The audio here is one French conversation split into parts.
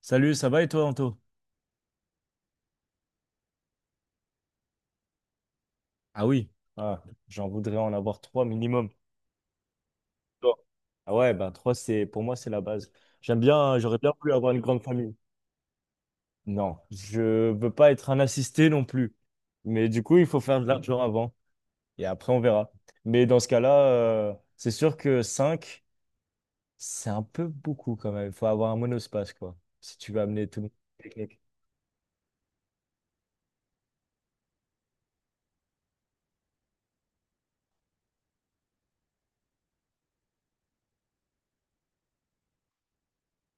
Salut, ça va et toi, Anto? Ah oui, ah, j'en voudrais en avoir trois minimum. Toi? Ah ouais, bah trois, c'est pour moi, c'est la base. J'aime bien, j'aurais bien voulu avoir une grande famille. Non, je veux pas être un assisté non plus. Mais du coup, il faut faire de l'argent avant. Et après, on verra. Mais dans ce cas-là, c'est sûr que 5, c'est un peu beaucoup quand même. Il faut avoir un monospace, quoi. Si tu veux amener tout le monde. Technique.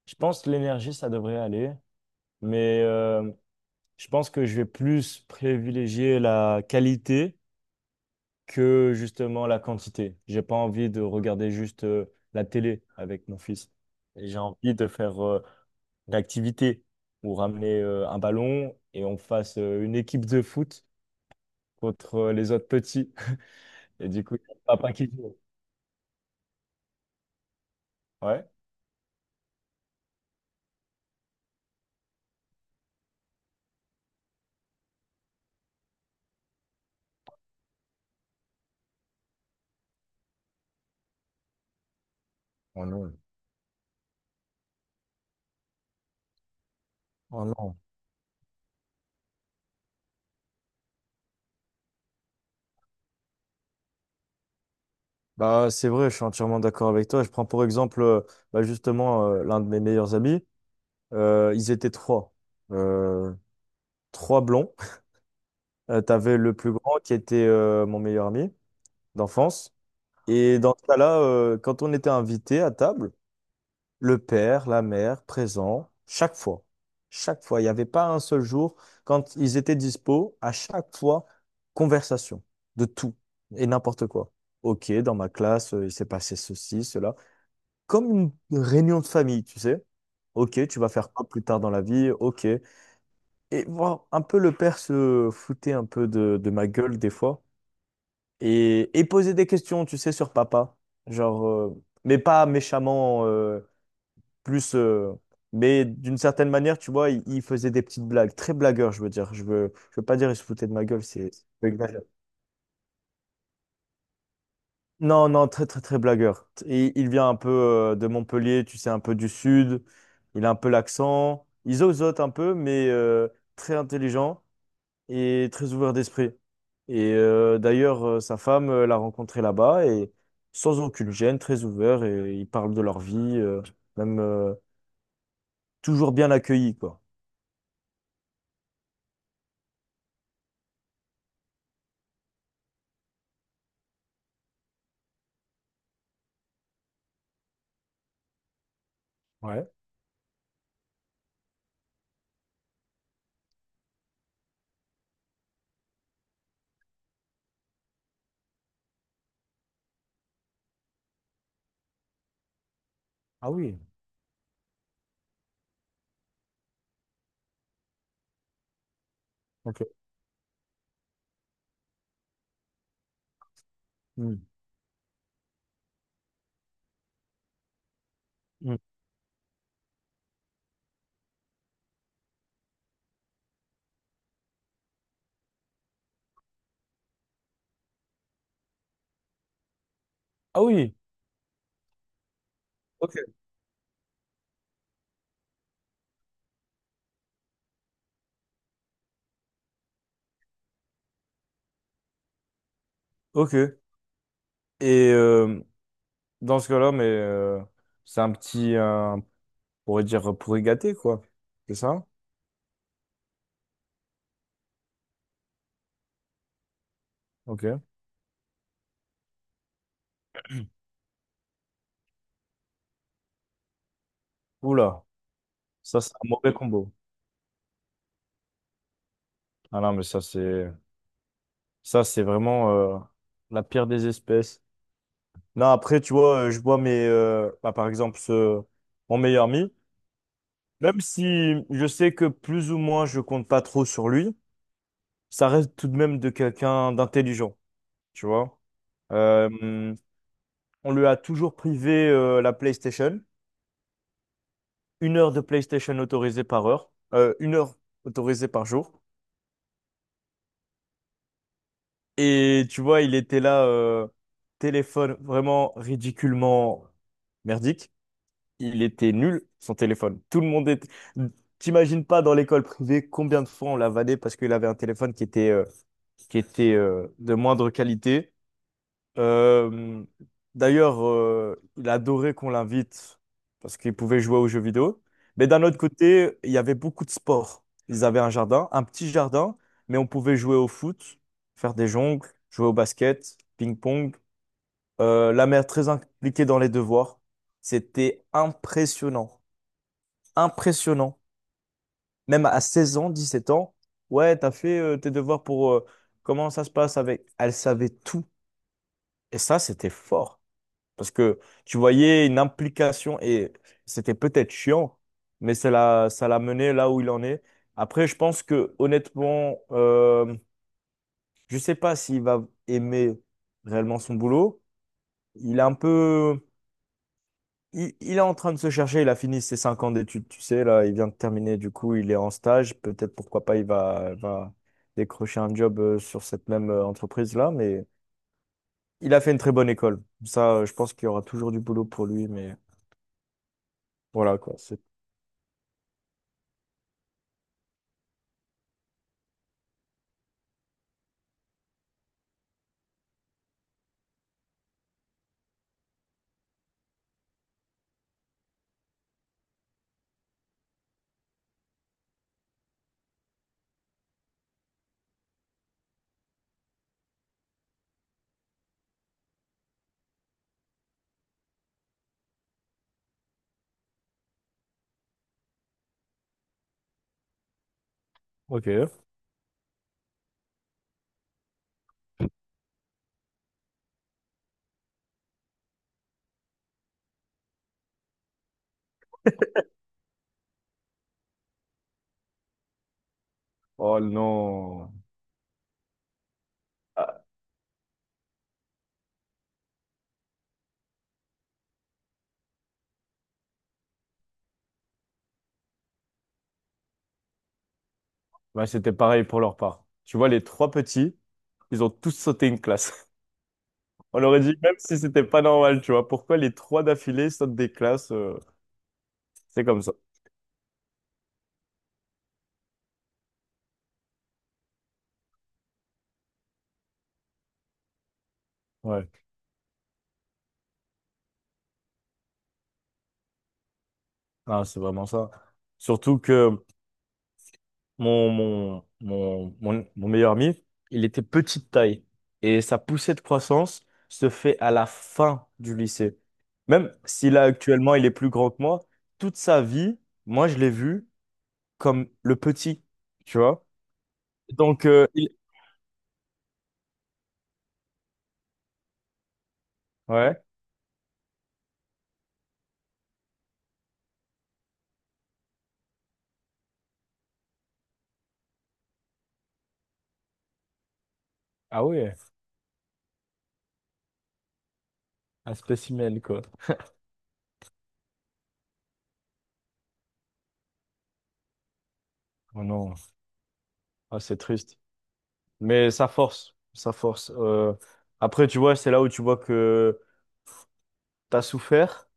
Je pense que l'énergie, ça devrait aller. Mais je pense que je vais plus privilégier la qualité que justement la quantité. J'ai pas envie de regarder juste la télé avec mon fils. Et j'ai envie de faire une activité ou ramener un ballon et on fasse une équipe de foot contre les autres petits. Et du coup, il y a papa qui joue. Ouais. Oh non. Oh non. Bah, c'est vrai, je suis entièrement d'accord avec toi. Je prends pour exemple bah, justement l'un de mes meilleurs amis. Ils étaient trois. Euh, Trois blonds. T'avais le plus grand qui était mon meilleur ami d'enfance. Et dans ce cas-là, quand on était invité à table, le père, la mère, présent, chaque fois. Chaque fois. Il n'y avait pas un seul jour. Quand ils étaient dispo, à chaque fois, conversation de tout et n'importe quoi. Ok, dans ma classe, il s'est passé ceci, cela. Comme une réunion de famille, tu sais. Ok, tu vas faire quoi plus tard dans la vie? Ok. Et voir un peu le père se foutait un peu de ma gueule des fois et poser des questions, tu sais, sur papa. Genre, mais pas méchamment, plus. Mais d'une certaine manière, tu vois, il faisait des petites blagues. Très blagueur, je veux dire. Je veux pas dire il se foutait de ma gueule, c'est pas exagéré. Non, non, très, très, très blagueur. Et il vient un peu de Montpellier, tu sais, un peu du sud. Il a un peu l'accent. Il zozote un peu, mais très intelligent. Et très ouvert d'esprit. Et d'ailleurs, sa femme l'a rencontré là-bas et sans aucune gêne, très ouvert et ils parlent de leur vie, même toujours bien accueillis, quoi. Ouais. Ah oui. Ok. Mm. Hmm. Ah oui. Ok. Ok. Et dans ce cas-là, mais c'est un petit, on pourrait dire pourri gâté, quoi. C'est ça? Ok. Oula, ça c'est un mauvais combo. Ah non, mais ça c'est vraiment la pire des espèces. Non, après, tu vois, je vois mes, bah, par exemple, mon meilleur ami. Même si je sais que plus ou moins je compte pas trop sur lui, ça reste tout de même de quelqu'un d'intelligent, tu vois. Euh, on lui a toujours privé la PlayStation, 1 heure de PlayStation autorisée par heure, 1 heure autorisée par jour. Et tu vois, il était là, téléphone vraiment ridiculement merdique. Il était nul, son téléphone. Tout le monde était... T'imagines pas dans l'école privée combien de fois on l'a vanné parce qu'il avait un téléphone qui était de moindre qualité. Euh, D'ailleurs, il adorait qu'on l'invite parce qu'il pouvait jouer aux jeux vidéo. Mais d'un autre côté, il y avait beaucoup de sports. Ils avaient un jardin, un petit jardin, mais on pouvait jouer au foot, faire des jongles, jouer au basket, ping-pong. La mère très impliquée dans les devoirs. C'était impressionnant impressionnant. Même à 16 ans, 17 ans, ouais, t'as fait tes devoirs pour comment ça se passe avec. Elle savait tout. Et ça, c'était fort. Parce que tu voyais une implication et c'était peut-être chiant, mais ça l'a mené là où il en est. Après, je pense que honnêtement, je sais pas s'il va aimer réellement son boulot. Il est un peu il est en train de se chercher, il a fini ses 5 ans d'études, tu sais, là, il vient de terminer, du coup, il est en stage. Peut-être, pourquoi pas, il va décrocher un job sur cette même entreprise-là, mais il a fait une très bonne école. Ça, je pense qu'il y aura toujours du boulot pour lui, mais voilà, quoi. Ok. Oh non. Ah, bah, c'était pareil pour leur part. Tu vois, les trois petits, ils ont tous sauté une classe. On aurait dit, même si c'était pas normal, tu vois, pourquoi les trois d'affilée sautent des classes, c'est comme ça. Ouais. Ah, c'est vraiment ça. Surtout que mon meilleur ami, il était petite taille. Et sa poussée de croissance se fait à la fin du lycée. Même si là, actuellement, il est plus grand que moi, toute sa vie, moi, je l'ai vu comme le petit, tu vois? Donc, il... Ouais. Ah ouais, un spécimen, quoi. Oh non, ah, c'est triste. Mais ça force, ça force. Après, tu vois, c'est là où tu vois que t'as souffert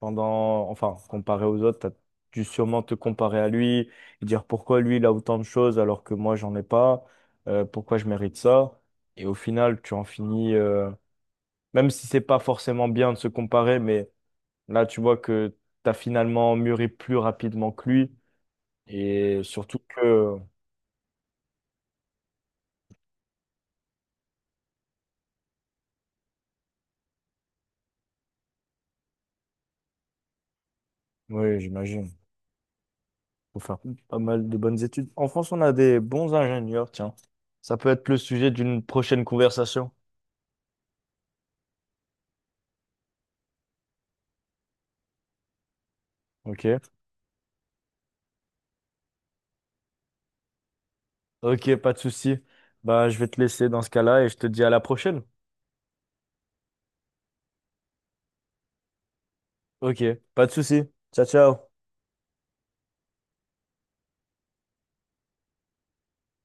pendant, enfin, comparé aux autres, t'as dû sûrement te comparer à lui, et dire pourquoi lui il a autant de choses alors que moi j'en ai pas, pourquoi je mérite ça. Et au final, tu en finis, même si c'est pas forcément bien de se comparer, mais là tu vois que t'as finalement mûri plus rapidement que lui. Et surtout que, oui, j'imagine, faut faire pas mal de bonnes études. En France, on a des bons ingénieurs, tiens. Ça peut être le sujet d'une prochaine conversation. Ok. Ok, pas de souci. Bah, je vais te laisser dans ce cas-là et je te dis à la prochaine. Ok, pas de souci. Ciao, ciao.